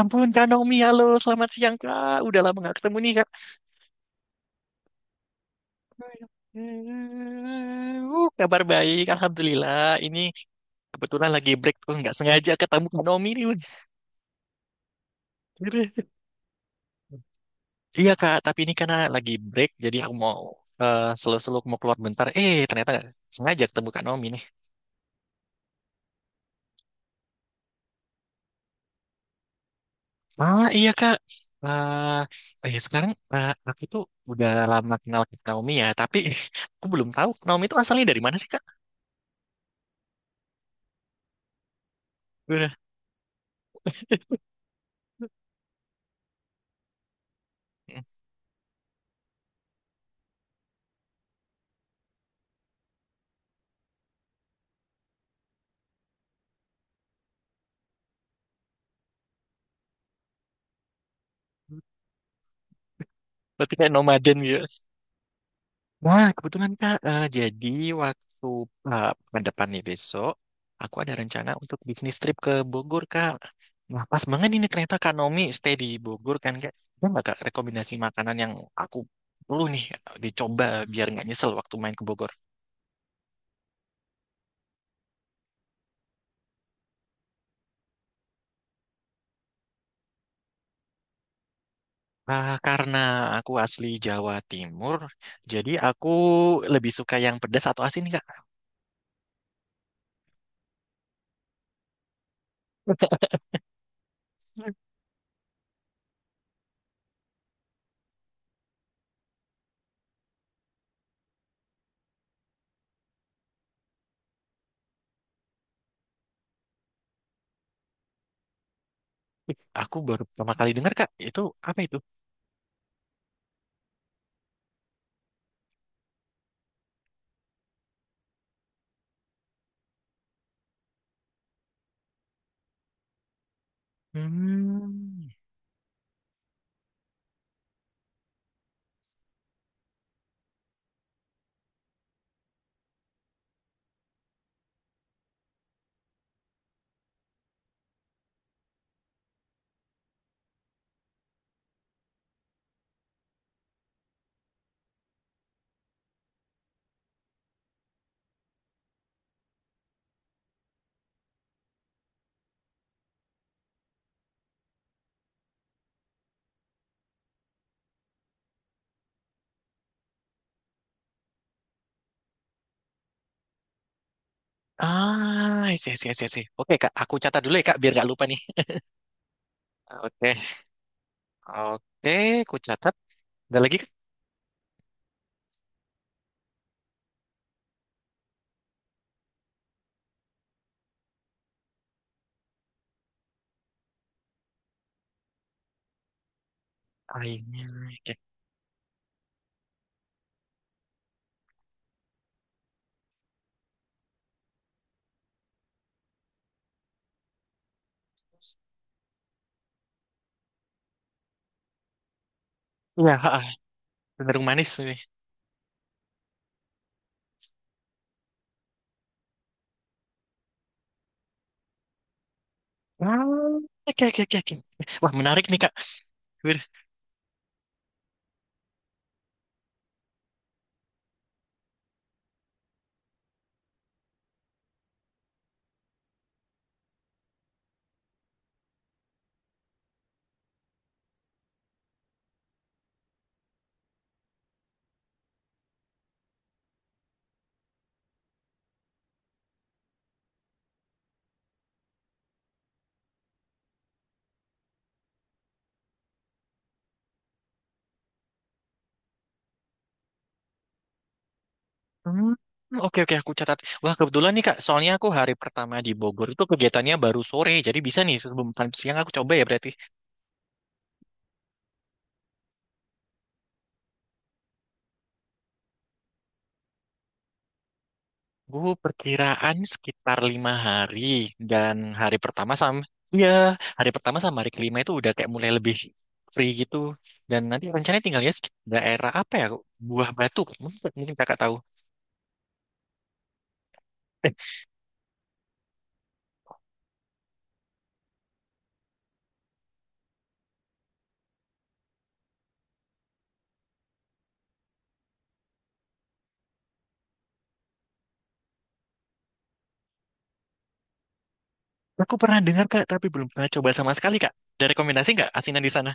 Ampun, Kak Naomi, halo, selamat siang, Kak. Udah lama nggak ketemu nih, Kak. Kabar baik, Alhamdulillah. Ini kebetulan lagi break, tuh nggak sengaja ketemu Kak Naomi nih. Bun. Iya, Kak, tapi ini karena lagi break, jadi aku mau selalu-selalu mau keluar bentar. Eh, ternyata sengaja ketemu Kak Naomi nih. Ah, iya, Kak. Sekarang aku tuh udah lama kenal Kak Naomi ya, tapi aku belum tahu Naomi itu asalnya dari mana sih, Kak? Udah. Hmm. Berarti kayak nomaden gitu. Wah, kebetulan Kak. Jadi waktu pekan depan nih besok, aku ada rencana untuk bisnis trip ke Bogor Kak. Nah, pas banget ini ternyata Kak Nomi stay di Bogor kan Kak. Ada nggak Kak rekomendasi makanan yang aku perlu nih dicoba biar nggak nyesel waktu main ke Bogor? Ah, karena aku asli Jawa Timur, jadi aku lebih suka yang pedas atau asin nih Kak. Ih, aku baru pertama kali dengar Kak, itu apa itu? Hmm. Ah, isi, isi, isi, isi. Oke, Kak. Aku catat dulu ya, Kak, biar nggak lupa nih. Oke. Oke, aku catat. Ada lagi, Kak? Airnya. Oke. Iya, ha, ha. Cenderung manis nih. Ah, oke, oke, oke, oke. Wah, menarik nih, Kak. Wir- Hmm, oke, oke, aku catat. Wah, kebetulan nih, Kak. Soalnya aku hari pertama di Bogor itu kegiatannya baru sore. Jadi bisa nih, sebelum siang aku coba ya berarti. Gue perkiraan sekitar 5 hari dan hari pertama sama ya hari pertama sama hari kelima itu udah kayak mulai lebih free gitu dan nanti rencananya tinggalnya daerah apa ya Buah Batu Kak. Mungkin kakak tahu eh aku pernah dengar kak tapi belum pernah coba sama sekali kak. Ada rekomendasi nggak asinan di sana?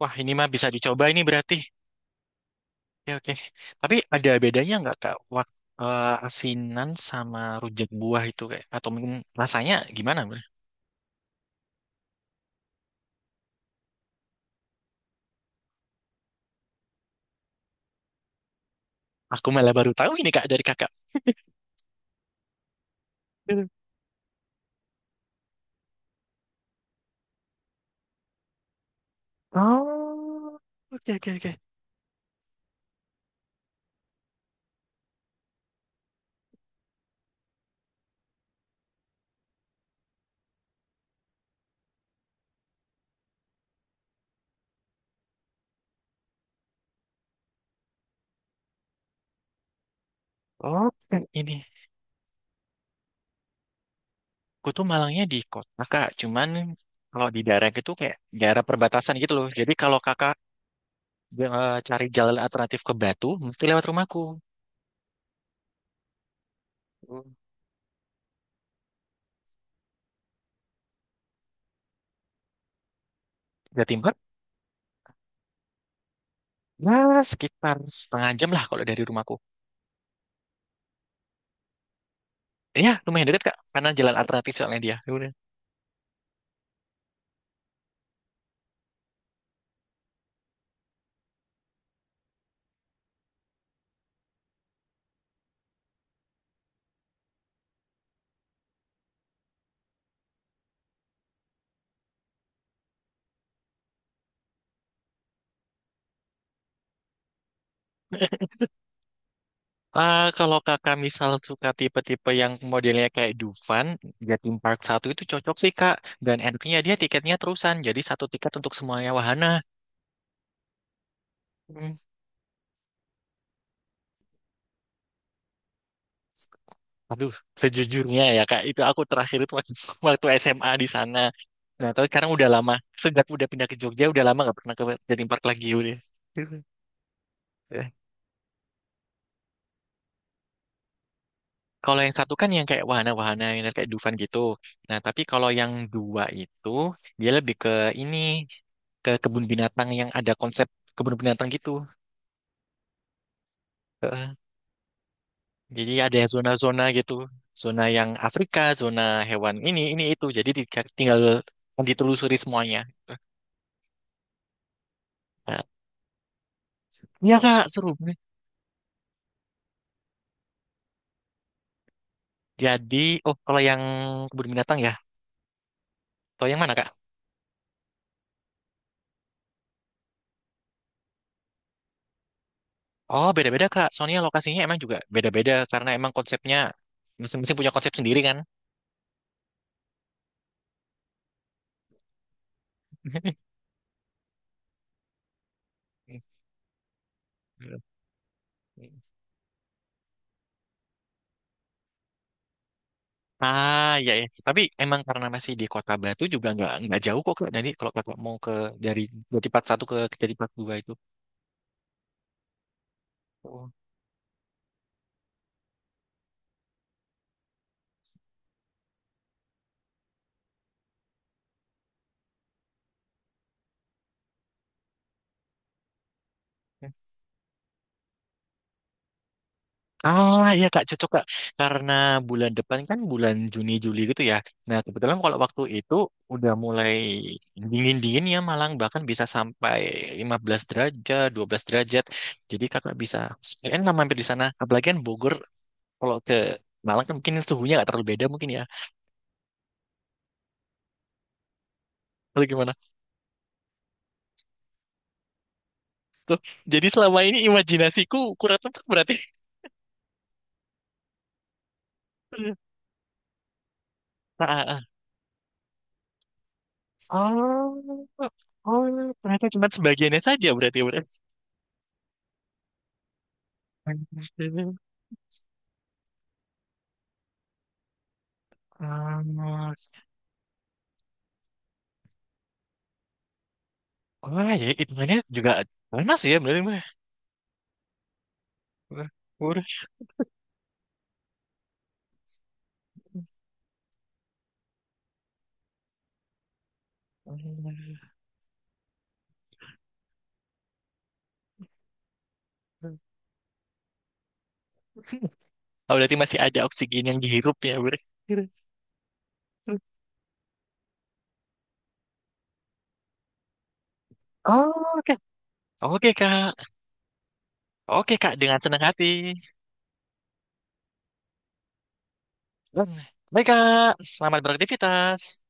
Wah ini mah bisa dicoba ini berarti, ya oke. Tapi ada bedanya nggak kak waktu asinan sama rujak buah itu kayak atau mungkin rasanya gimana? Aku malah baru tahu ini kak dari kakak. Oh, oke, oke, oke. Oh, kan ini. Gue tuh Malangnya di kota kak. Cuman kalau di daerah gitu kayak daerah perbatasan gitu loh. Jadi kalau kakak cari jalan alternatif ke Batu, mesti lewat rumahku. Jatim Barat, ya sekitar 0,5 jam lah kalau dari rumahku. Ya, lumayan dekat kak. Karena jalan alternatif soalnya dia. Ya udah. Ah, kalau kakak misal suka tipe-tipe yang modelnya kayak Dufan, Jatim Park satu itu cocok sih kak. Dan enaknya dia tiketnya terusan, jadi satu tiket untuk semuanya wahana. Hmm. Aduh, sejujurnya ya Kak, itu aku terakhir itu waktu, waktu SMA di sana. Nah, tapi sekarang udah lama. Sejak udah pindah ke Jogja, udah lama nggak pernah ke Jatim Park lagi udah. Eh, kalau yang satu kan yang kayak wahana-wahana, yang kayak Dufan gitu. Nah, tapi kalau yang dua itu, dia lebih ke ini, ke kebun binatang yang ada konsep kebun binatang gitu. Heeh. Jadi ada zona-zona gitu. Zona yang Afrika, zona hewan ini itu. Jadi tinggal ditelusuri semuanya. Nah, iya kak, seru banget. Jadi, oh kalau yang kebun binatang ya, atau yang mana kak? Oh beda-beda kak, soalnya lokasinya emang juga beda-beda karena emang konsepnya masing-masing punya konsep sendiri kan. Ah iya ya, tapi emang karena masih di Kota Batu juga nggak jauh kok kak. Jadi kalau kakak mau ke dari Jatipat satu ke Jatipat dua itu. Oh. Ah, ya Kak, cocok Kak. Karena bulan depan kan bulan Juni Juli gitu ya. Nah, kebetulan kalau waktu itu udah mulai dingin-dingin ya Malang bahkan bisa sampai 15 derajat, 12 derajat. Jadi Kakak bisa sekalian lah mampir di sana. Apalagi kan Bogor kalau ke Malang kan mungkin suhunya nggak terlalu beda mungkin ya. Atau gimana? Jadi selama ini imajinasiku kurang tepat berarti. Ah, ah, ah. Oh, oh, ternyata cuma sebagiannya saja berarti. Berarti. Ah, wah, ya hitungannya juga panas ya berarti mah. Udah. Oh, berarti masih ada oksigen yang dihirup ya, Bur. Oh, oke. Oke, Kak. Oke, Kak. Dengan senang hati. Baik, Kak. Selamat beraktivitas.